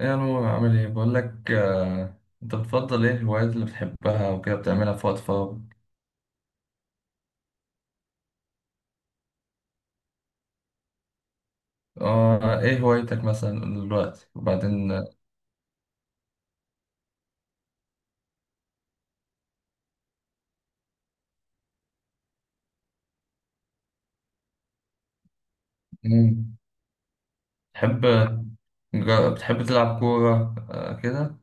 ايه يا نور عامل ايه بقول لك، انت بتفضل ايه الهوايات اللي بتحبها وكده بتعملها في وقت فراغ؟ اه، ايه هوايتك مثلا دلوقتي وبعدين مم، تحب بتحب تلعب كورة كده؟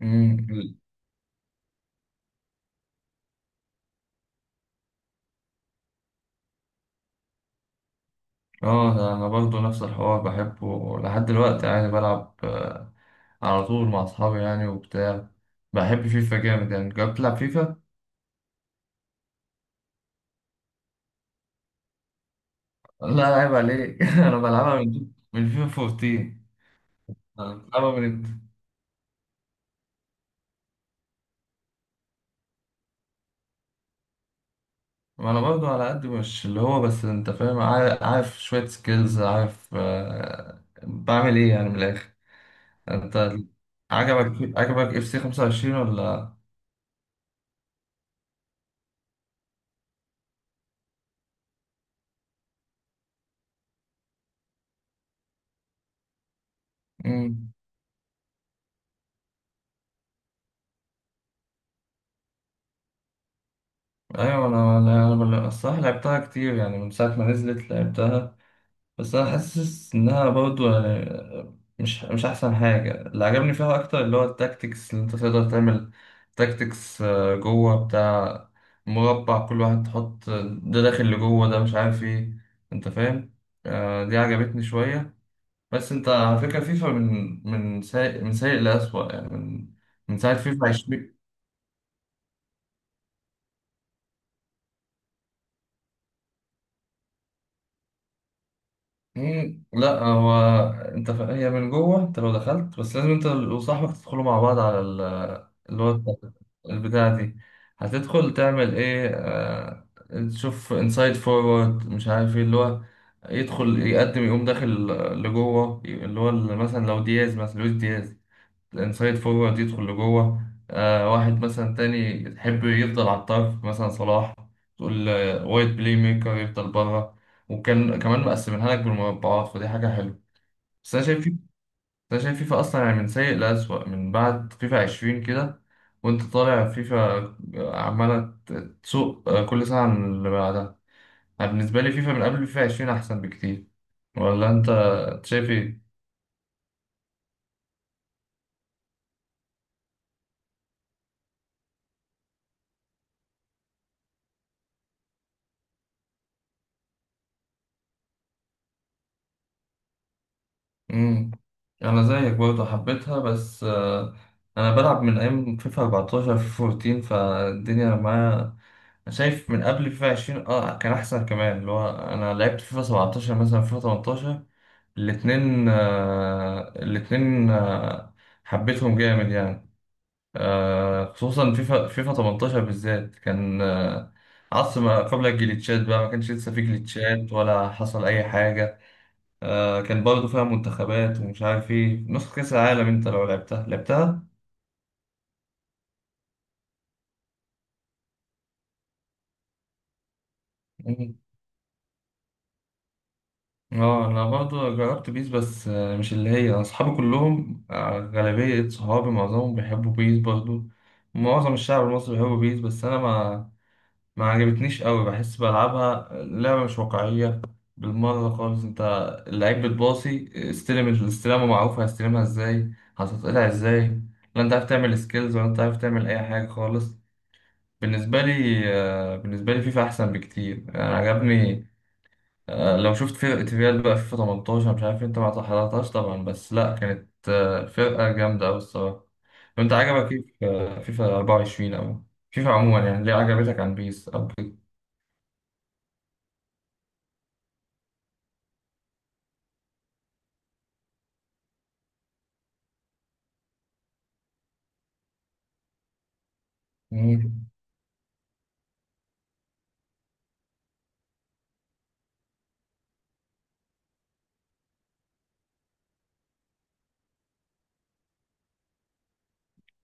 مم، اه ده انا برضو نفس الحوار بحبه لحد دلوقتي يعني بلعب على طول مع اصحابي يعني وبتاع. بحب فيفا جامد يعني، جربت تلعب فيفا؟ لا عيب عليك. انا بلعبها من فيفا 14. انا بلعبها من. ما انا برضو على قد، مش اللي هو، بس انت فاهم، عارف، عارف شوية سكيلز، عارف بعمل ايه يعني من الاخر. انت عجبك عجبك اف سي 25 ولا؟ امم. ايوه انا أنا الصراحة لعبتها كتير يعني من ساعة ما نزلت لعبتها. بس انا حاسس انها برضو يعني مش احسن حاجه. اللي عجبني فيها اكتر اللي هو التاكتكس اللي انت تقدر تعمل تاكتكس جوه بتاع مربع كل واحد تحط ده داخل لجوه ده مش عارف ايه، انت فاهم. دي عجبتني شويه. بس انت على فكره، فيفا من سيء سيء لأسوأ يعني من من ساعه فيفا. لا هو انت هي من جوه، انت لو دخلت بس لازم انت وصاحبك تدخلوا مع بعض على اللي هو البتاعة دي، هتدخل تعمل ايه تشوف انسايد فورورد مش عارف ايه اللي هو يدخل يقدم يقوم داخل لجوه، اللي هو مثلا لو دياز، مثلا لويس دياز الانسايد فورورد يدخل لجوه. آه، واحد مثلا تاني يحب يفضل على الطرف مثلا صلاح، تقول وايت بلاي ميكر يفضل بره. وكان كمان مقسمينها لك بالمربعات، فدي حاجة حلوة. بس أنا شايف فيفا أصلا يعني من سيء لأسوأ من بعد فيفا عشرين كده. وأنت طالع فيفا عمالة تسوق كل سنة عن اللي بعدها. أنا بالنسبة لي فيفا من قبل فيفا عشرين أحسن بكتير، ولا أنت شايف إيه؟ امم. انا زيك برضه حبيتها، بس انا بلعب من ايام فيفا 14، فالدنيا معايا. أنا شايف من قبل فيفا 20 اه كان احسن كمان، اللي هو انا لعبت فيفا 17 مثلا، فيفا 18، الاتنين حبيتهم جامد يعني. آه، خصوصا فيفا 18 بالذات كان آه عصر ما قبل الجليتشات بقى، ما كانش لسه في جليتشات ولا حصل اي حاجة. آه، كان برضه فيها منتخبات ومش عارف ايه، نسخة كأس العالم. انت لو لعبتها، لعبتها؟ مم. اه انا برضه جربت بيس بس آه مش اللي هي. اصحابي كلهم آه، غالبية صحابي، معظمهم بيحبوا بيس برضه. معظم الشعب المصري بيحبوا بيس بس انا ما عجبتنيش قوي. بحس بلعبها لعبة مش واقعية بالمرة خالص. انت اللعيب بتباصي استلم، الاستلامة معروفة، هستلمها ازاي، هتتقطع ازاي. لا انت عارف تعمل سكيلز ولا انت عارف تعمل اي حاجة خالص. بالنسبة لي بالنسبة لي فيفا أحسن بكتير يعني، عجبني. لو شفت فرقة ريال بقى فيفا 18، مش عارف أنت ما حضرتهاش طبعا، بس لأ كانت فرقة جامدة أوي الصراحة. وأنت عجبك إيه في فيفا 24 أو فيفا عموما يعني، ليه عجبتك عن بيس أو كده؟ مم.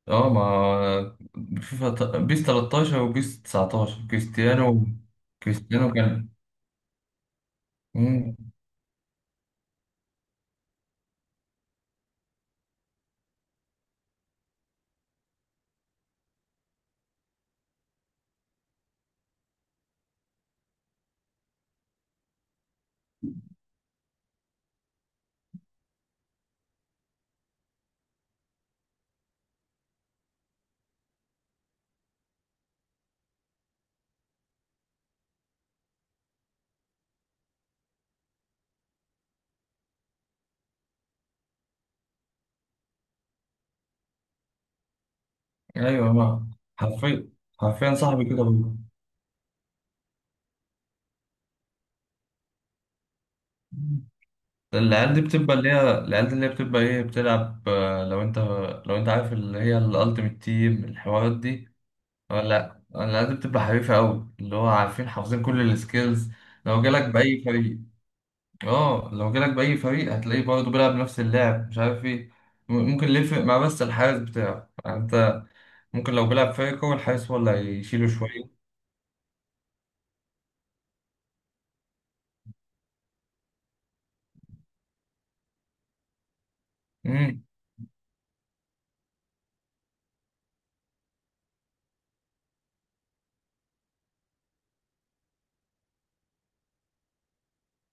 أه ما فيفا بيس 13 وبيس 19 كريستيانو كان. مم. أيوه، ما حرفيا، حرفيا صاحبي كده برضه. العيال دي بتبقى اللي هي، العيال دي اللي هي بتبقى ايه، بتلعب لو انت، لو انت عارف اللي هي الالتيميت تيم الحوارات دي. لا العيال دي بتبقى حريفة قوي، اللي هو عارفين حافظين كل السكيلز. لو جالك بأي فريق، اه لو جالك بأي فريق هتلاقيه برضه بيلعب نفس اللعب مش عارف ايه. ممكن اللي يفرق مع، بس الحارس بتاعه يعني، انت ممكن لو بيلعب فريق هو الحارس هو اللي هيشيله شوية. امم.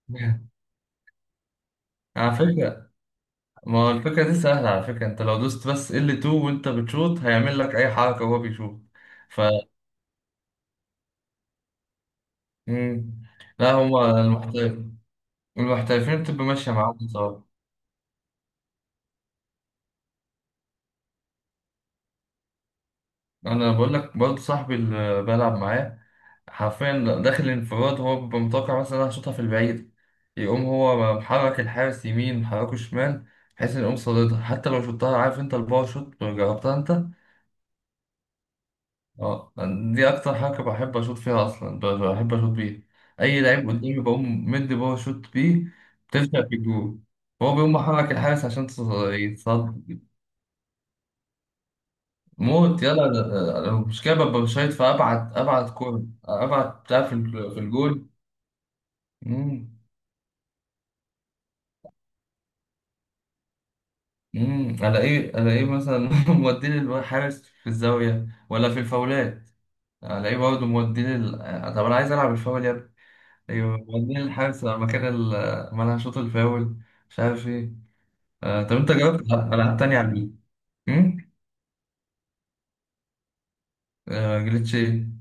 على فكرة، ما هو الفكرة دي سهلة على فكرة، انت لو دوست بس L2 وانت بتشوط هيعمل لك اي حركة وهو بيشوط. ف مم. لا هما المحترفين، المحترفين بتبقى ماشية معاهم بصراحة. انا بقول لك برضه صاحبي اللي بلعب معاه حرفيا، داخل الانفراد هو بيبقى متوقع مثلا انا هشوطها في البعيد، يقوم هو محرك الحارس يمين، محركه شمال، بحيث ان يقوم صاددها. حتى لو شوطها. عارف انت الباور شوت، جربتها انت؟ اه، دي اكتر حاجه بحب اشوط فيها اصلا، بحب اشوط بيها. اي لعيب قدامي بقوم مدي بقى شوت بيه، بتفشل في الجول. هو بيقوم محرك الحارس عشان يتصد. موت يلا. أنا المشكله ببقى شايط في ابعد كوره، ابعد بتاع في في الجول. امم. امم. على ايه، على ايه مثلا؟ مودين الحارس في الزاويه ولا في الفاولات؟ على ايه برضه مودين طب انا عايز العب الفاول يا. ايوه، بعدين الحارس لما كان لما انا شوط الفاول مش عارف ايه. آه، طب انت جربت العاب تانية على البي؟ امم. آه، جليتش ايه؟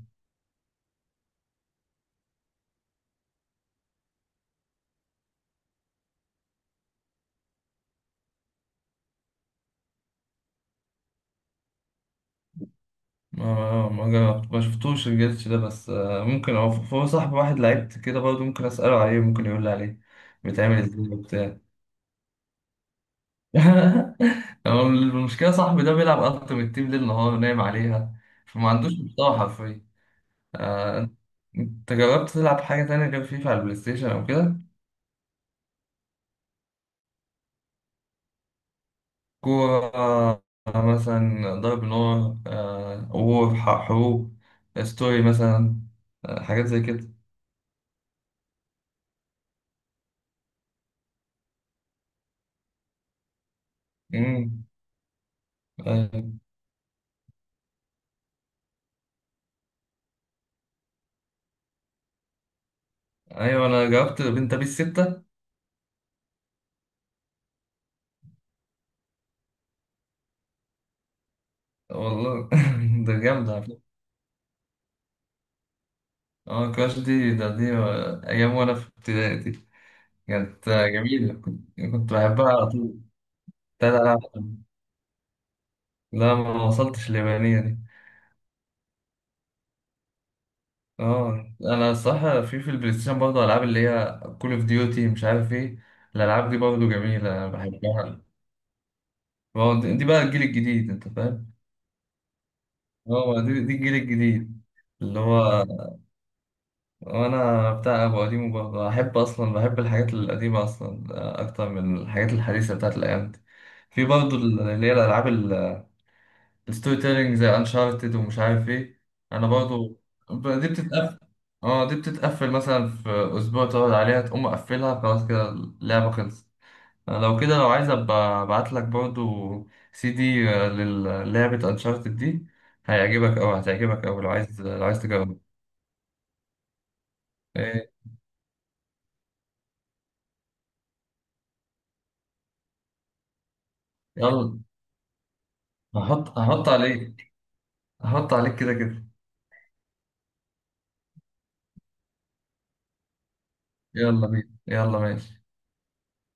ما جربت، ما شفتوش الجليتش ده بس آه ممكن هو هو صاحب واحد لعيب كده برضه، ممكن اساله عليه، ممكن يقول لي عليه بيتعمل ازاي وبتاع. هو المشكله صاحبي ده بيلعب التيمت تيم ليل نهار، نايم عليها. فما عندوش محتوى حرفيا. آه. انت جربت تلعب حاجه تانية غير فيفا على البلاي ستيشن او كده؟ كورة مثلا، ضرب نار وور، حروب، ستوري مثلا. حاجات زي كده. مم. أيوة. أيوة، أنا جربت بنت بيس ستة. والله. ده جامدة على فكرة. اه كراش دي، ده دي أيام وأنا في ابتدائي دي. كانت جميلة، كنت بحبها على طول. تلات ألعاب. لا لا، ما وصلتش ليابانية. اه انا الصراحه في البلاي ستيشن برضه العاب اللي هي كول اوف ديوتي مش عارف ايه. الالعاب دي برضه جميله، انا بحبها. ما هو دي بقى الجيل الجديد، انت فاهم. اه، دي الجيل الجديد. اللي هو انا بتاع ابو قديم برضه، احب اصلا، بحب الحاجات القديمه اصلا اكتر من الحاجات الحديثه بتاعت الايام دي. في برضه اللي هي الالعاب ستوري تيلينج زي انشارتد ومش عارف ايه. انا برضو دي بتتقفل. اه، دي بتتقفل مثلا في اسبوع، تقعد عليها تقوم مقفلها خلاص كده، اللعبه خلصت. أنا لو كده لو عايز ابقى ابعت لك برضو CD للعبه انشارتد دي، هيعجبك اوي، هتعجبك اوي لو عايز، لو عايز تجرب. إيه، يلا. هحط عليك. هحط عليك كده كده. يلا بينا، يلا ماشي.